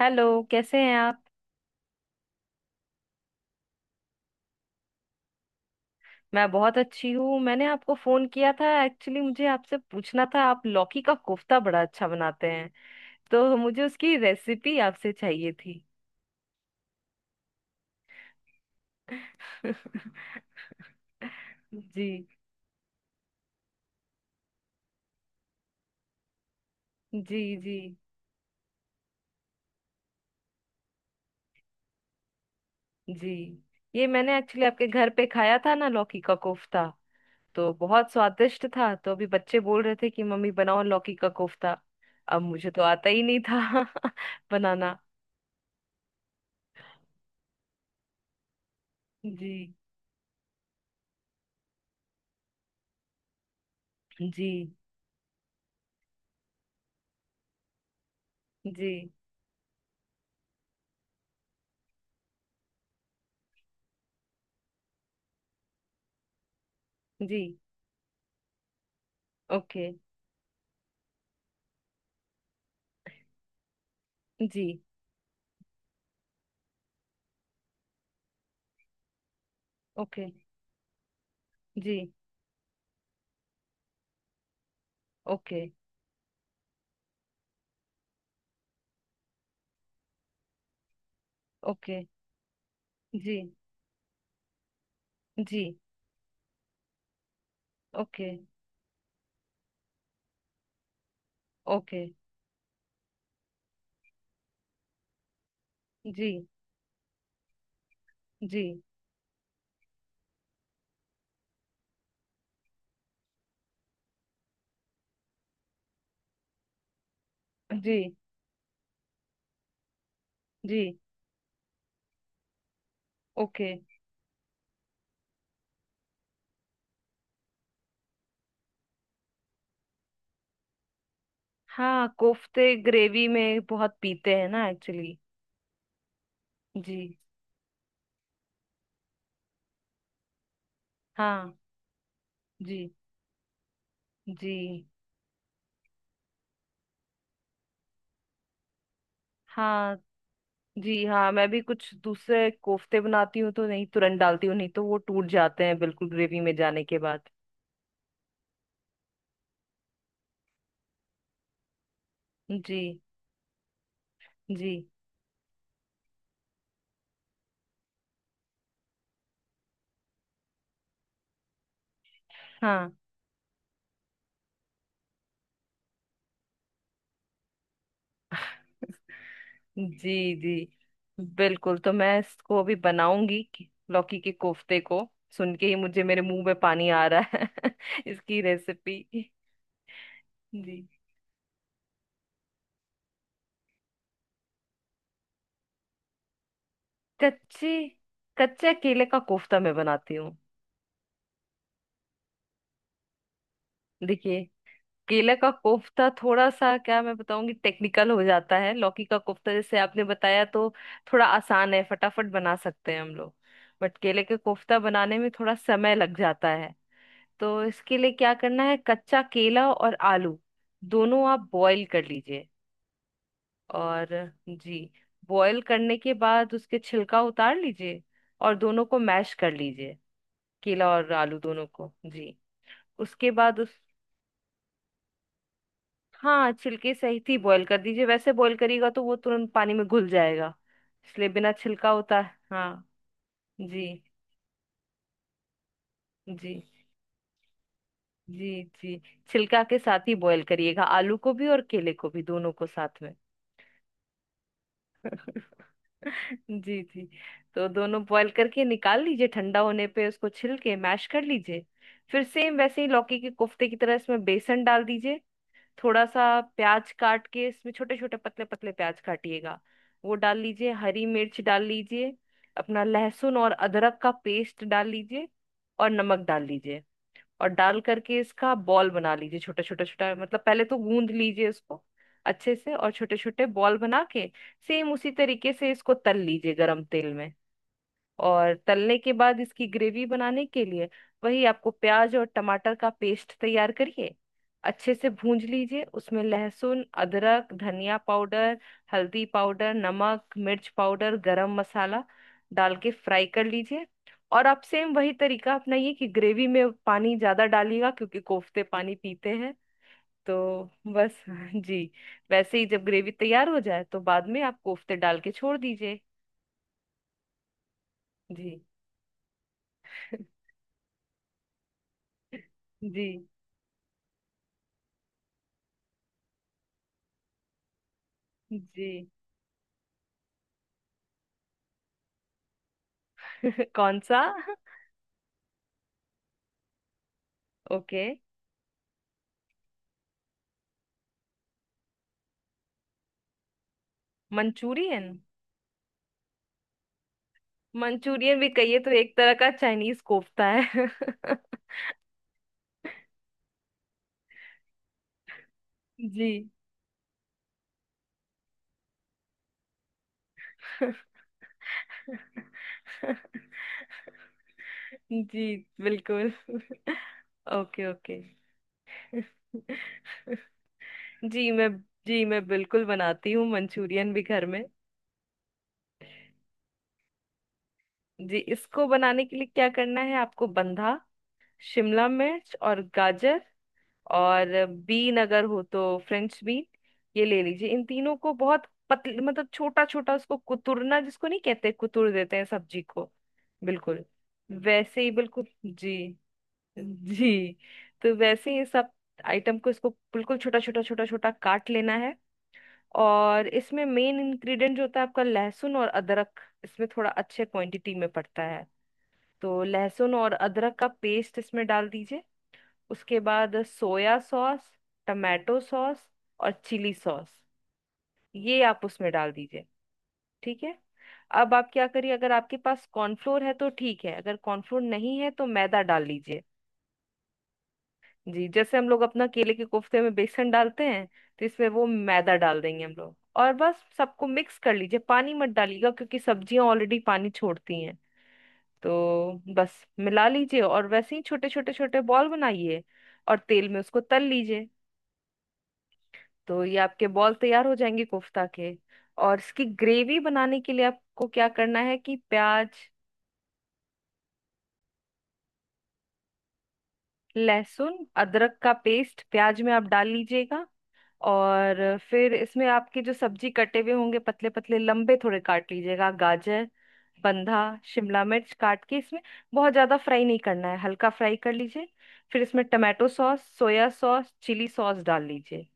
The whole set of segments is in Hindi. हेलो। कैसे हैं आप। मैं बहुत अच्छी हूँ। मैंने आपको फोन किया था एक्चुअली, मुझे आपसे पूछना था, आप लौकी का कोफ्ता बड़ा अच्छा बनाते हैं, तो मुझे उसकी रेसिपी आपसे चाहिए थी। जी जी जी जी ये मैंने एक्चुअली आपके घर पे खाया था ना लौकी का कोफ्ता, तो बहुत स्वादिष्ट था। तो अभी बच्चे बोल रहे थे कि मम्मी बनाओ लौकी का कोफ्ता, अब मुझे तो आता ही नहीं था बनाना। जी जी जी जी ओके। जी। ओके। जी। ओके। ओके। जी। जी। ओके। ओके। जी जी जी जी ओके। हाँ, कोफ्ते ग्रेवी में बहुत पीते हैं ना एक्चुअली। जी हाँ। जी। जी हाँ। जी हाँ, मैं भी कुछ दूसरे कोफ्ते बनाती हूँ तो नहीं तुरंत डालती हूँ, नहीं तो वो टूट जाते हैं बिल्कुल ग्रेवी में जाने के बाद। जी। जी हाँ। जी। जी बिल्कुल, तो मैं इसको अभी बनाऊंगी, लौकी के कोफ्ते को सुन के ही मुझे मेरे मुंह में पानी आ रहा है इसकी रेसिपी। जी। कच्चे, कच्चे केले का कोफ्ता मैं बनाती हूँ। देखिए, केले का कोफ्ता थोड़ा सा क्या मैं बताऊंगी, टेक्निकल हो जाता है। लौकी का कोफ्ता जैसे आपने बताया तो थोड़ा आसान है, फटाफट बना सकते हैं हम लोग। बट केले के कोफ्ता बनाने में थोड़ा समय लग जाता है। तो इसके लिए क्या करना है, कच्चा केला और आलू दोनों आप बॉईल कर लीजिए। और जी, बॉईल करने के बाद उसके छिलका उतार लीजिए और दोनों को मैश कर लीजिए, केला और आलू दोनों को। जी, उसके बाद उस, हाँ छिलके सहित ही बॉईल कर दीजिए। वैसे बॉईल करिएगा तो वो तुरंत पानी में घुल जाएगा, इसलिए बिना छिलका उतार। हाँ। जी जी जी जी छिलका के साथ ही बॉईल करिएगा, आलू को भी और केले को भी, दोनों को साथ में। जी जी। तो दोनों बॉईल करके निकाल लीजिए, ठंडा होने पे उसको छिल के मैश कर लीजिए। फिर सेम वैसे ही लौकी के कोफ्ते की तरह इसमें बेसन डाल दीजिए। थोड़ा सा प्याज काट के इसमें, छोटे छोटे पतले पतले प्याज काटिएगा, वो डाल लीजिए। हरी मिर्च डाल लीजिए, अपना लहसुन और अदरक का पेस्ट डाल लीजिए, और नमक डाल लीजिए। और डाल करके इसका बॉल बना लीजिए छोटा छोटा छोटा, मतलब पहले तो गूंद लीजिए इसको अच्छे से और छोटे छोटे बॉल बना के सेम उसी तरीके से इसको तल लीजिए गरम तेल में। और तलने के बाद इसकी ग्रेवी बनाने के लिए वही आपको प्याज और टमाटर का पेस्ट तैयार करिए, अच्छे से भूंज लीजिए, उसमें लहसुन, अदरक, धनिया पाउडर, हल्दी पाउडर, नमक, मिर्च पाउडर, गरम मसाला डाल के फ्राई कर लीजिए। और आप सेम वही तरीका अपनाइए कि ग्रेवी में पानी ज्यादा डालिएगा क्योंकि कोफ्ते पानी पीते हैं। तो बस जी, वैसे ही जब ग्रेवी तैयार हो जाए तो बाद में आप कोफ्ते डाल के छोड़ दीजिए। जी। जी। जी। कौन सा। ओके। मंचूरियन। हम्म। मंचूरियन भी कहिए तो एक तरह का चाइनीज कोफ्ता है। जी। जी बिल्कुल। Okay okay. जी मैं जी मैं बिल्कुल बनाती हूँ मंचूरियन भी घर में। जी, इसको बनाने के लिए क्या करना है, आपको बंधा, शिमला मिर्च और गाजर, और बीन अगर हो तो फ्रेंच बीन, ये ले लीजिए। इन तीनों को बहुत पतले, मतलब छोटा छोटा, उसको कुतुरना जिसको नहीं कहते, कुतुर देते हैं सब्जी को, बिल्कुल वैसे ही, बिल्कुल। जी जी, तो वैसे ही सब आइटम को इसको बिल्कुल छोटा छोटा छोटा छोटा काट लेना है। और इसमें मेन इंग्रेडिएंट जो होता है आपका लहसुन और अदरक, इसमें थोड़ा अच्छे क्वांटिटी में पड़ता है। तो लहसुन और अदरक का पेस्ट इसमें डाल दीजिए। उसके बाद सोया सॉस, टमाटो सॉस, और चिली सॉस, ये आप उसमें डाल दीजिए, ठीक है। अब आप क्या करिए, अगर आपके पास कॉर्नफ्लोर है तो ठीक है, अगर कॉर्नफ्लोर नहीं है तो मैदा डाल लीजिए। जी, जैसे हम लोग अपना केले के कोफ्ते में बेसन डालते हैं, तो इसमें वो मैदा डाल देंगे हम लोग। और बस सबको मिक्स कर लीजिए, पानी मत डालिएगा क्योंकि सब्जियां ऑलरेडी पानी छोड़ती हैं। तो बस मिला लीजिए और वैसे ही छोटे छोटे छोटे बॉल बनाइए और तेल में उसको तल लीजिए। तो ये आपके बॉल तैयार हो जाएंगे कोफ्ता के। और इसकी ग्रेवी बनाने के लिए आपको क्या करना है कि प्याज, लहसुन, अदरक का पेस्ट प्याज में आप डाल लीजिएगा। और फिर इसमें आपके जो सब्जी कटे हुए होंगे, पतले पतले लंबे थोड़े काट लीजिएगा गाजर, बंधा, शिमला मिर्च काट के इसमें, बहुत ज्यादा फ्राई नहीं करना है, हल्का फ्राई कर लीजिए। फिर इसमें tomato sauce, soya sauce, chilli sauce डाल लीजिए।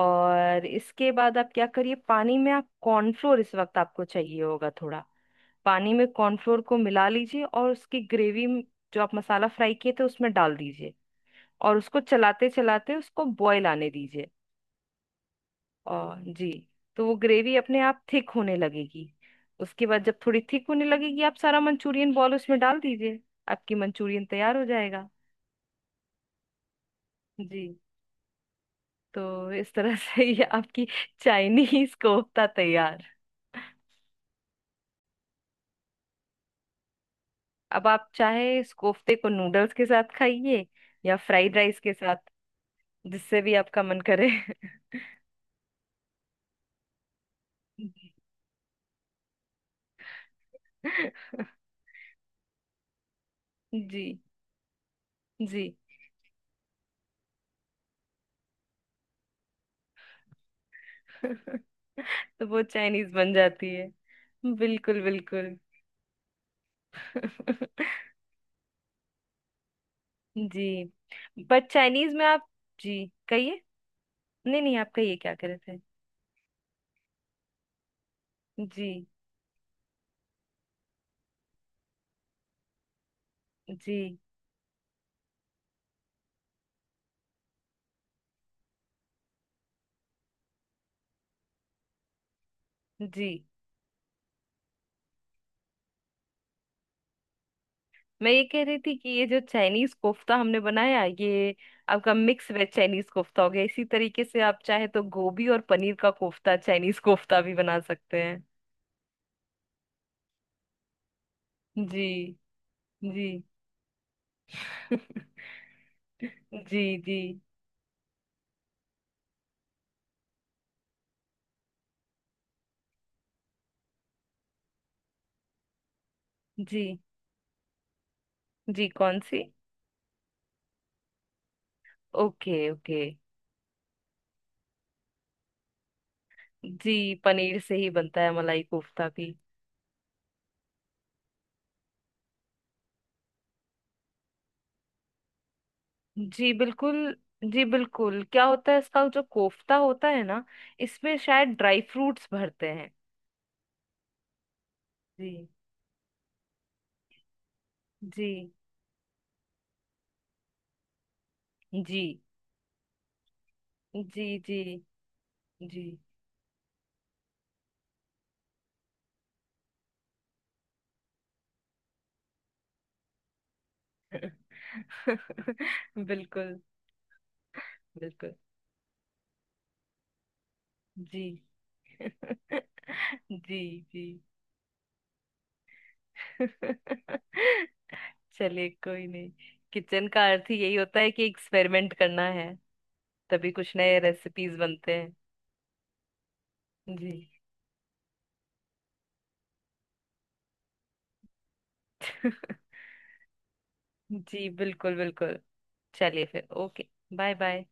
और इसके बाद आप क्या करिए, पानी में आप कॉर्नफ्लोर, इस वक्त आपको चाहिए होगा थोड़ा, पानी में कॉर्नफ्लोर को मिला लीजिए और उसकी ग्रेवी जो आप मसाला फ्राई किए थे उसमें डाल दीजिए। और उसको चलाते चलाते उसको बॉयल आने दीजिए। और जी, तो वो ग्रेवी अपने आप थिक होने लगेगी। उसके बाद जब थोड़ी थिक होने लगेगी आप सारा मंचूरियन बॉल उसमें डाल दीजिए। आपकी मंचूरियन तैयार हो जाएगा। जी, तो इस तरह से ये आपकी चाइनीज कोफ्ता तैयार। अब आप चाहे इस कोफ्ते को नूडल्स के साथ खाइए या फ्राइड राइस के साथ, जिससे भी आपका मन करे। जी जी। तो वो चाइनीज बन जाती है। बिल्कुल बिल्कुल। जी, बट चाइनीज में आप। जी कहिए। नहीं नहीं, आप कहिए, क्या कह रहे थे। जी जी जी मैं ये कह रही थी कि ये जो चाइनीज कोफ्ता हमने बनाया, ये आपका मिक्स वेज चाइनीज कोफ्ता हो गया। इसी तरीके से आप चाहे तो गोभी और पनीर का कोफ्ता, चाइनीज कोफ्ता भी बना सकते हैं। जी जी। जी जी जी जी कौन सी। Okay okay. जी, पनीर से ही बनता है मलाई कोफ्ता भी। जी बिल्कुल। जी बिल्कुल, क्या होता है इसका जो कोफ्ता होता है ना, इसमें शायद ड्राई फ्रूट्स भरते हैं। जी जी जी जी जी जी बिल्कुल बिल्कुल। जी। जी जी। चलिए, कोई नहीं, किचन का अर्थ ही यही होता है कि एक्सपेरिमेंट करना है, तभी कुछ नए रेसिपीज बनते हैं। जी। जी बिल्कुल बिल्कुल। चलिए फिर, ओके, बाय बाय।